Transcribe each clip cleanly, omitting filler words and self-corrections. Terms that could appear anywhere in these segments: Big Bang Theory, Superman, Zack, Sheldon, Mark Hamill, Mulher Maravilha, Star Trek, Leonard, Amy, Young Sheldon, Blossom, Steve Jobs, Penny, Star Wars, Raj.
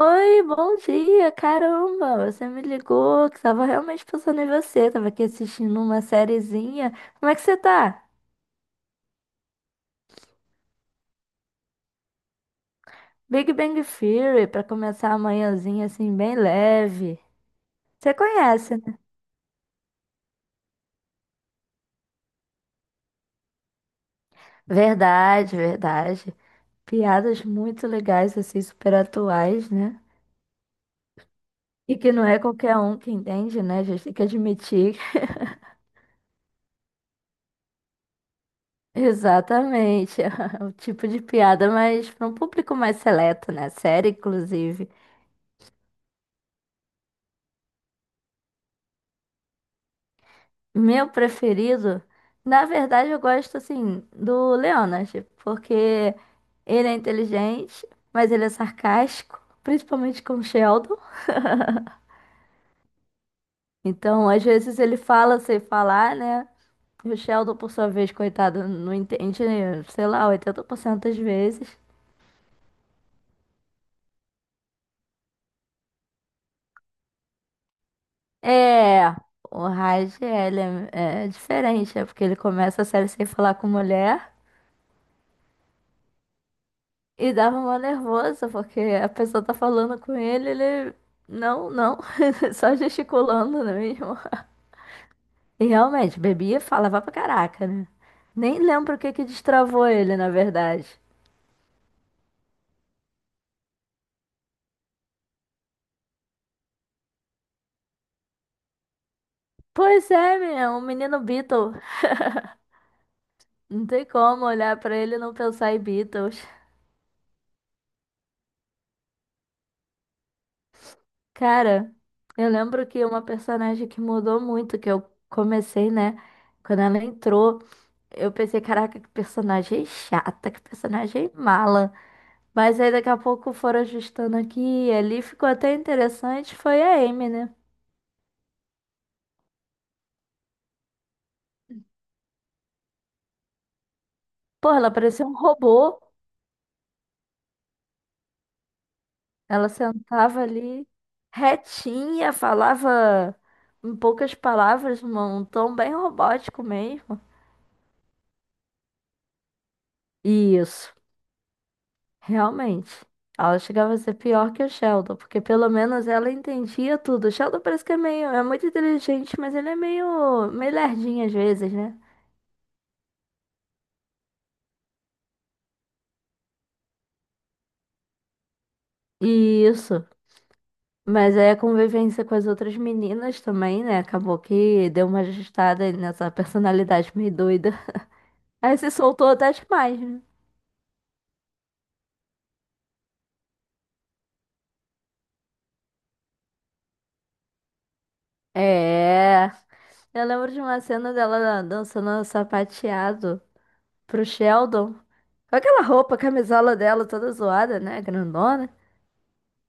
Oi, bom dia, caramba, você me ligou, que tava realmente pensando em você, tava aqui assistindo uma sériezinha. Como é que você tá? Big Bang Theory, pra começar a manhãzinha assim, bem leve. Você conhece, né? Verdade, verdade. Piadas muito legais, assim, super atuais, né? E que não é qualquer um que entende, né? A gente tem que admitir. Exatamente, o tipo de piada, mas para um público mais seleto, né? Série, inclusive. Meu preferido, na verdade, eu gosto assim do Leonard, porque ele é inteligente, mas ele é sarcástico, principalmente com o Sheldon. Então, às vezes ele fala sem falar, né? E o Sheldon, por sua vez, coitado, não entende, sei lá, 80% das vezes. É, o Raj, ele é diferente, é porque ele começa a série sem falar com mulher. E dava uma nervosa, porque a pessoa tá falando com ele, ele. Não, não. Só gesticulando, não é mesmo? E realmente, bebia e falava pra caraca, né? Nem lembro o que que destravou ele, na verdade. Pois é, menina, um menino Beatle. Não tem como olhar pra ele e não pensar em Beatles. Cara, eu lembro que uma personagem que mudou muito, que eu comecei, né? Quando ela entrou, eu pensei, caraca, que personagem chata, que personagem mala. Mas aí daqui a pouco foram ajustando aqui e ali. Ficou até interessante. Foi a Amy, né? Pô, ela parecia um robô. Ela sentava ali retinha, falava em poucas palavras, num tom bem robótico mesmo. Isso, realmente. Ela chegava a ser pior que o Sheldon, porque pelo menos ela entendia tudo. O Sheldon parece que é meio, é muito inteligente, mas ele é meio, meio lerdinho às vezes, né? Isso. Mas aí a convivência com as outras meninas também, né? Acabou que deu uma ajustada nessa personalidade meio doida. Aí se soltou até demais, né? É. Eu lembro de uma cena dela dançando sapateado pro Sheldon. Com aquela roupa, a camisola dela toda zoada, né? Grandona.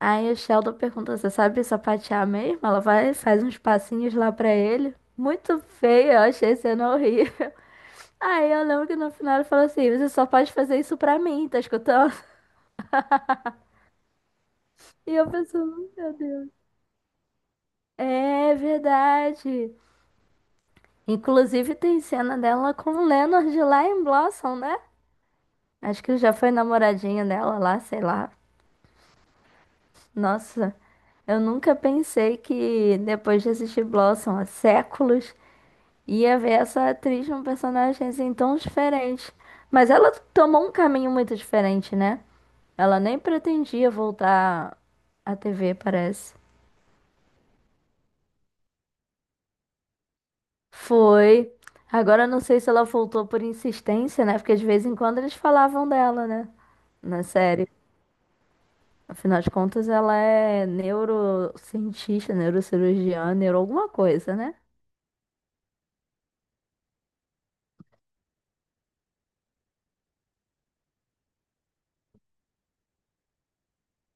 Aí o Sheldon pergunta: você sabe sapatear mesmo? Ela vai e faz uns passinhos lá pra ele. Muito feia, eu achei a cena horrível. Aí eu lembro que no final ele falou assim: você só pode fazer isso pra mim, tá escutando? E eu pensando, meu Deus. É verdade. Inclusive tem cena dela com o Leonard lá em Blossom, né? Acho que já foi namoradinha dela lá, sei lá. Nossa, eu nunca pensei que depois de assistir Blossom há séculos, ia ver essa atriz num personagem assim tão diferente. Mas ela tomou um caminho muito diferente, né? Ela nem pretendia voltar à TV, parece. Foi. Agora eu não sei se ela voltou por insistência, né? Porque de vez em quando eles falavam dela, né? Na série. Afinal de contas, ela é neurocientista, neurocirurgiã, neuro alguma coisa, né?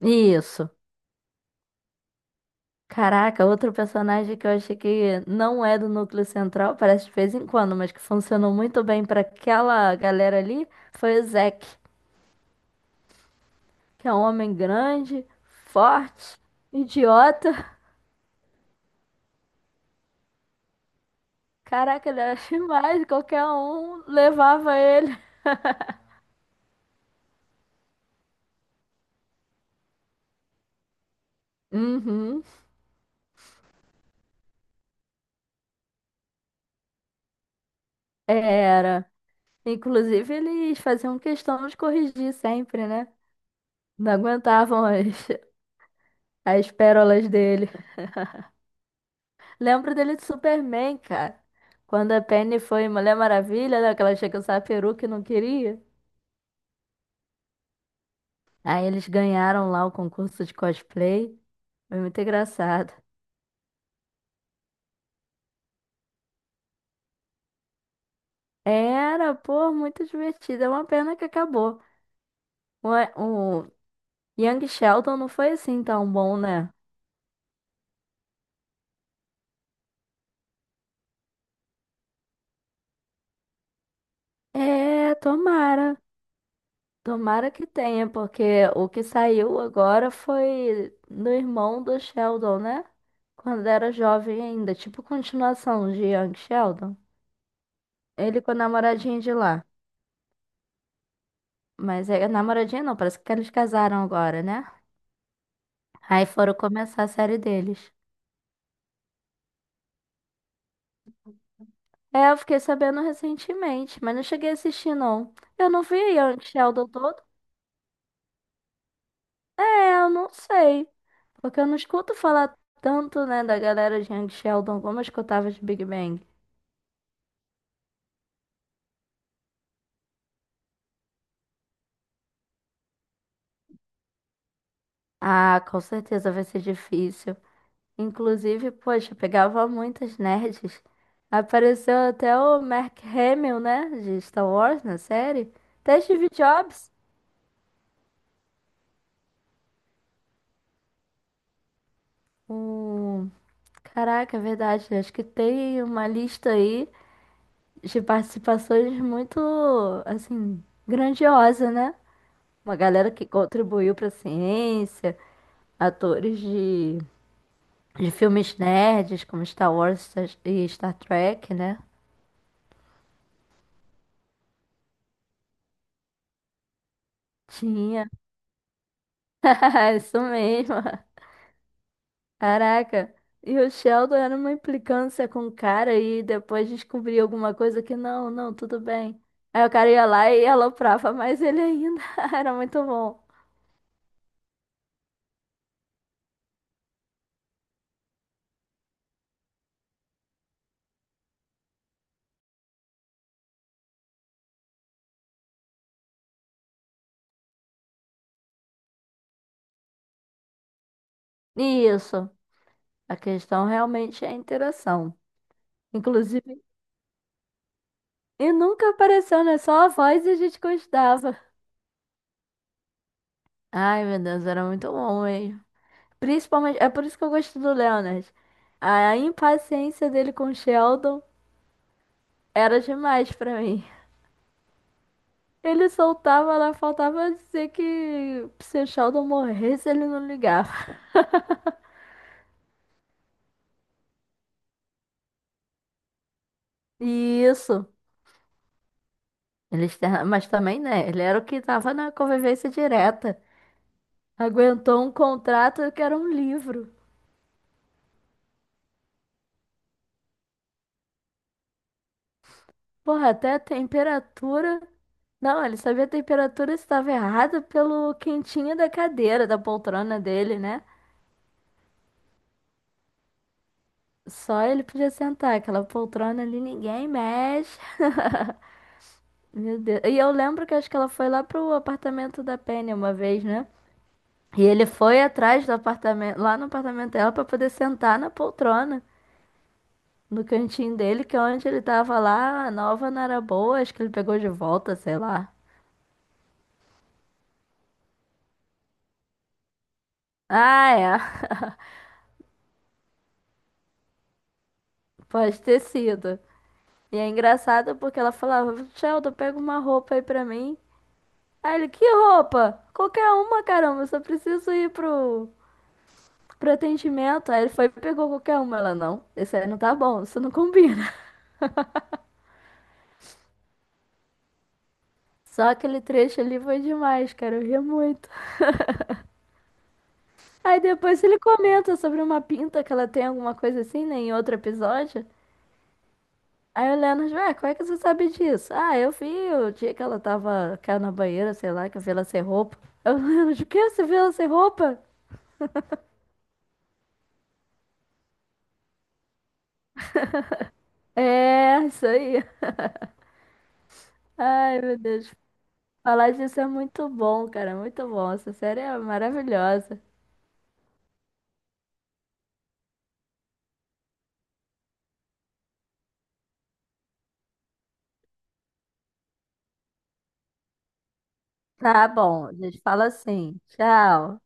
Isso. Caraca, outro personagem que eu achei que não é do núcleo central, parece de vez em quando, mas que funcionou muito bem pra aquela galera ali, foi o Zack, que é um homem grande, forte, idiota. Caraca, ele era demais. Qualquer um levava ele. Uhum, era. Inclusive, eles faziam questão de corrigir sempre, né? Não aguentavam as, as pérolas dele. Lembro dele de Superman, cara. Quando a Penny foi Mulher Maravilha, né? Que ela chega a usar a peruca e não queria. Aí eles ganharam lá o concurso de cosplay. Foi muito engraçado. Era, pô, muito divertido. É uma pena que acabou. Um, Young Sheldon não foi assim tão bom, né? É, tomara. Tomara que tenha, porque o que saiu agora foi do irmão do Sheldon, né? Quando era jovem ainda, tipo continuação de Young Sheldon. Ele com a namoradinha de lá. Mas é namoradinha não, parece que eles casaram agora, né? Aí foram começar a série deles. É, eu fiquei sabendo recentemente, mas não cheguei a assistir, não. Eu não vi Young Sheldon todo. É, eu não sei. Porque eu não escuto falar tanto, né, da galera de Young Sheldon como eu escutava de Big Bang. Ah, com certeza vai ser difícil. Inclusive, poxa, pegava muitas nerds. Apareceu até o Mark Hamill, né, de Star Wars na série. Até Steve Jobs. O... Caraca, é verdade. Acho que tem uma lista aí de participações muito, assim, grandiosa, né? Uma galera que contribuiu para a ciência, atores de filmes nerds, como Star Wars Star- e Star Trek, né? Tinha. Isso mesmo. Caraca. E o Sheldon era uma implicância com o cara e depois descobria alguma coisa que não, não, tudo bem. Aí o cara ia lá e aloprava mais ele ainda. Era muito bom. E isso. A questão realmente é a interação. Inclusive, e nunca apareceu, né? Só a voz e a gente gostava. Ai, meu Deus, era muito bom hein? Principalmente, é por isso que eu gosto do Leonard. A impaciência dele com o Sheldon era demais pra mim. Ele soltava lá, faltava dizer que se o Sheldon morresse, ele não ligava. E isso. Ele, externa- mas também, né? Ele era o que tava na convivência direta. Aguentou um contrato que era um livro. Porra, até a temperatura. Não, ele sabia a temperatura estava errada pelo quentinho da cadeira, da poltrona dele, né? Só ele podia sentar, aquela poltrona ali ninguém mexe. Meu Deus. E eu lembro que acho que ela foi lá pro apartamento da Penny uma vez, né? E ele foi atrás do apartamento, lá no apartamento dela pra poder sentar na poltrona, no cantinho dele, que é onde ele tava lá, a nova não era boa, acho que ele pegou de volta, sei lá. Ah, é. Pode ter sido. E é engraçado porque ela falava: Sheldon, pega uma roupa aí pra mim. Aí ele: que roupa? Qualquer uma, caramba, eu só preciso ir pro. Pro atendimento. Aí ele foi e pegou qualquer uma. Ela, não, esse aí não tá bom, isso não combina. Só aquele trecho ali foi demais, cara, eu ria muito. Aí depois ele comenta sobre uma pinta que ela tem alguma coisa assim, né, em outro episódio. Aí o Leonard, ué, como é que você sabe disso? Ah, eu vi o dia que ela tava cá na banheira, sei lá, que eu vi ela sem roupa. Aí o Leonard, o quê? Você viu ela sem roupa? É, isso aí. Ai, meu Deus. Falar disso é muito bom, cara, muito bom. Essa série é maravilhosa. Tá bom, a gente fala assim. Tchau.